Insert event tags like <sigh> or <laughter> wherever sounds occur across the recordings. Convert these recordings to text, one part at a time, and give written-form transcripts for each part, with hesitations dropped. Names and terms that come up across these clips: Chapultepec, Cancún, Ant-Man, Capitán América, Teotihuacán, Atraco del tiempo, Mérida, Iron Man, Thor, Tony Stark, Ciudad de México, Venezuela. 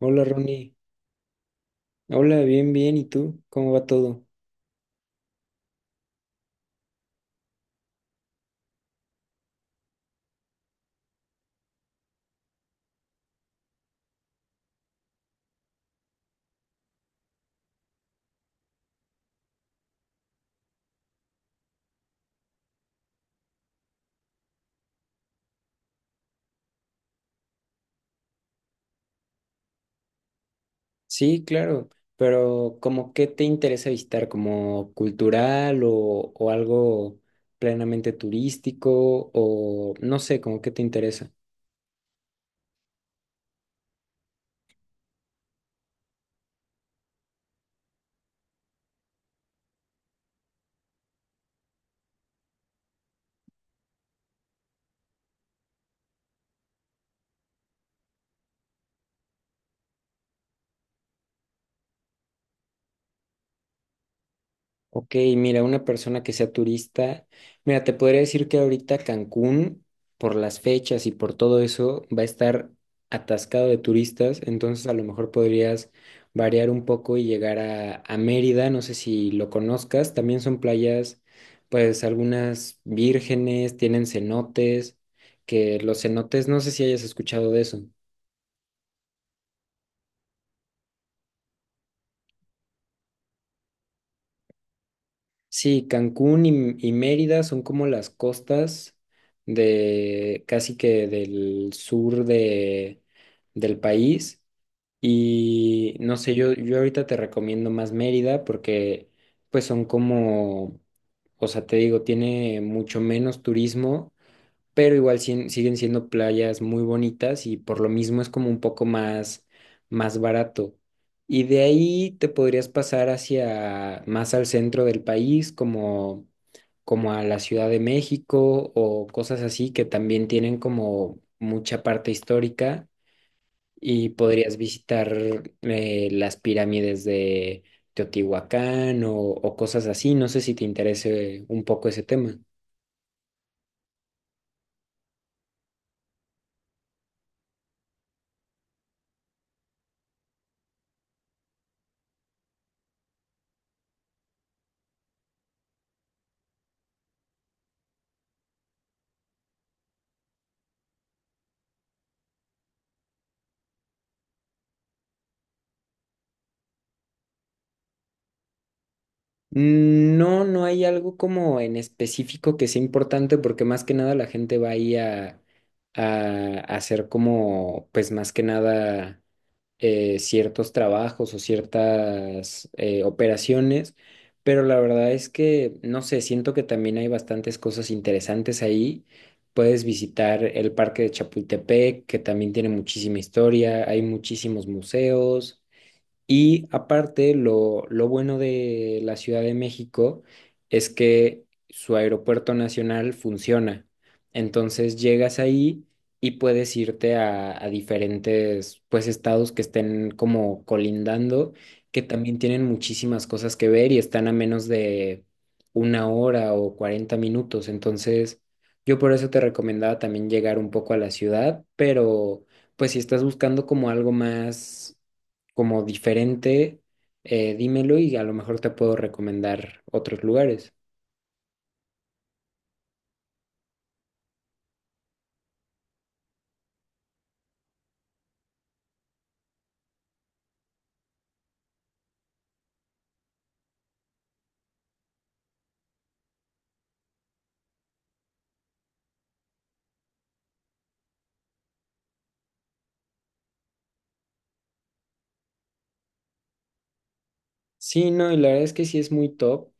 Hola Ronnie, hola, bien, bien, ¿y tú? ¿Cómo va todo? Sí, claro, pero ¿cómo qué te interesa visitar? ¿Como cultural o algo plenamente turístico o no sé, cómo qué te interesa? Ok, mira, una persona que sea turista, mira, te podría decir que ahorita Cancún, por las fechas y por todo eso, va a estar atascado de turistas, entonces a lo mejor podrías variar un poco y llegar a Mérida, no sé si lo conozcas, también son playas, pues algunas vírgenes, tienen cenotes, que los cenotes, no sé si hayas escuchado de eso. Sí, Cancún y Mérida son como las costas de casi que del sur de, del país. Y no sé, yo ahorita te recomiendo más Mérida porque pues son como, o sea, te digo, tiene mucho menos turismo pero igual siguen siendo playas muy bonitas y por lo mismo es como un poco más, más barato. Y de ahí te podrías pasar hacia más al centro del país, como, como a la Ciudad de México o cosas así que también tienen como mucha parte histórica y podrías visitar las pirámides de Teotihuacán o cosas así. No sé si te interese un poco ese tema. Mm, no, no hay algo como en específico que sea importante porque más que nada la gente va ahí a hacer como, pues más que nada ciertos trabajos o ciertas operaciones, pero la verdad es que, no sé, siento que también hay bastantes cosas interesantes ahí. Puedes visitar el Parque de Chapultepec, que también tiene muchísima historia, hay muchísimos museos. Y aparte, lo bueno de la Ciudad de México es que su aeropuerto nacional funciona. Entonces llegas ahí y puedes irte a diferentes pues estados que estén como colindando, que también tienen muchísimas cosas que ver y están a menos de una hora o 40 minutos. Entonces, yo por eso te recomendaba también llegar un poco a la ciudad, pero pues si estás buscando como algo más como diferente, dímelo y a lo mejor te puedo recomendar otros lugares. Sí, no, y la verdad es que sí es muy top.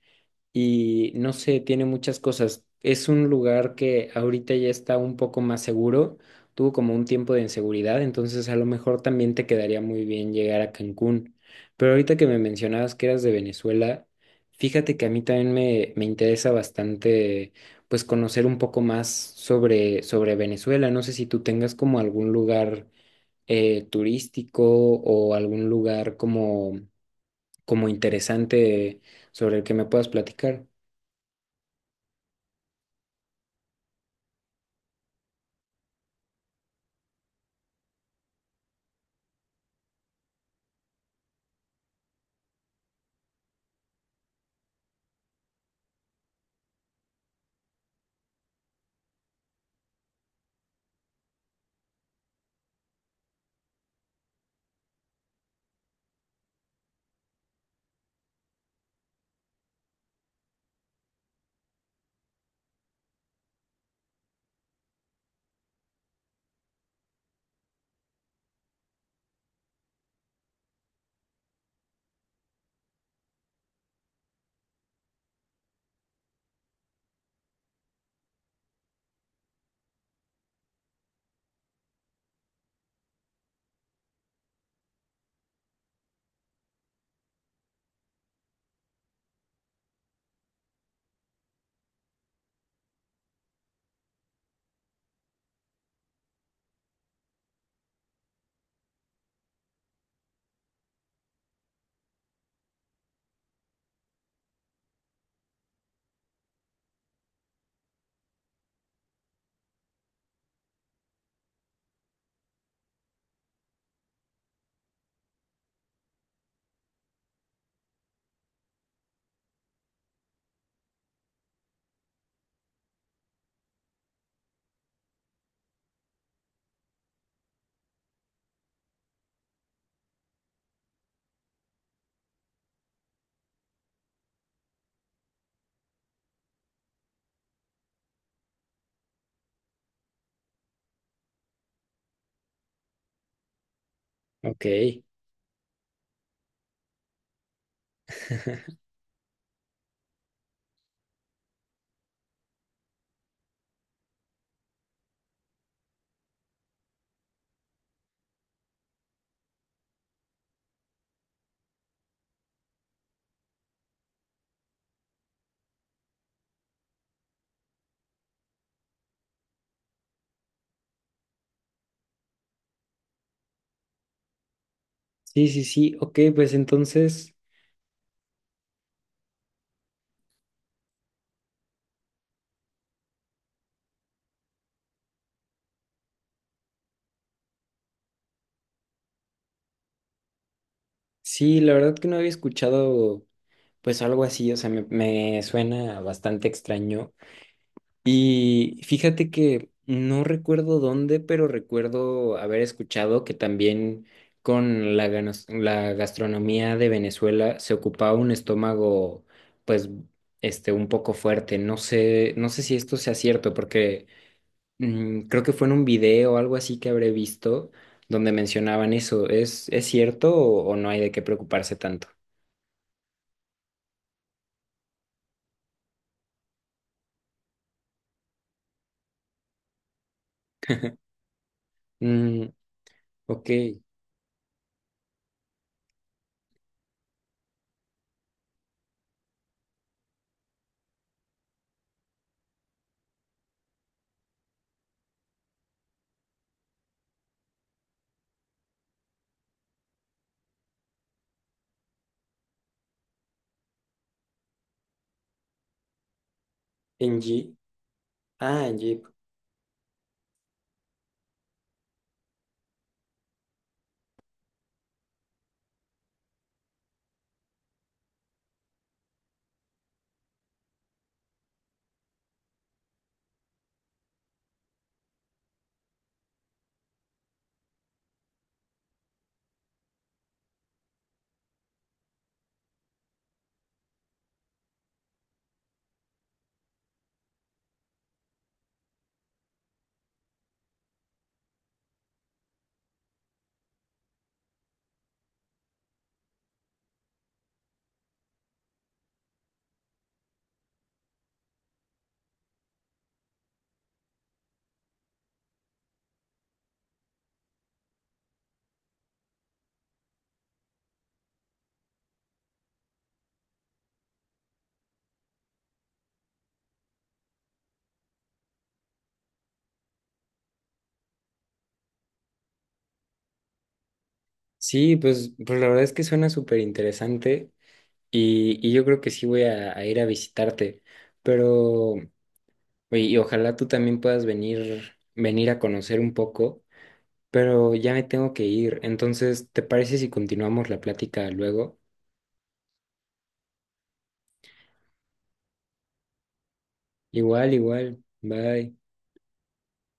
Y no sé, tiene muchas cosas. Es un lugar que ahorita ya está un poco más seguro. Tuvo como un tiempo de inseguridad, entonces a lo mejor también te quedaría muy bien llegar a Cancún. Pero ahorita que me mencionabas que eras de Venezuela, fíjate que a mí también me interesa bastante pues conocer un poco más sobre Venezuela. No sé si tú tengas como algún lugar turístico o algún lugar como, como interesante sobre el que me puedas platicar. Ok. <laughs> Sí, sí, sí. Ok, pues entonces, sí, la verdad que no había escuchado pues algo así, o sea, me suena bastante extraño. Y fíjate que no recuerdo dónde, pero recuerdo haber escuchado que también con la, la gastronomía de Venezuela se ocupaba un estómago pues este un poco fuerte. No sé, no sé si esto sea cierto, porque mm, creo que fue en un video o algo así que habré visto donde mencionaban eso. Es cierto o no hay de qué preocuparse tanto? Mm, ok. En Jeep. Ah, en Jeep. Sí, pues, pues la verdad es que suena súper interesante y yo creo que sí voy a ir a visitarte. Pero, y ojalá tú también puedas venir, venir a conocer un poco, pero ya me tengo que ir. Entonces, ¿te parece si continuamos la plática luego? Igual, igual. Bye.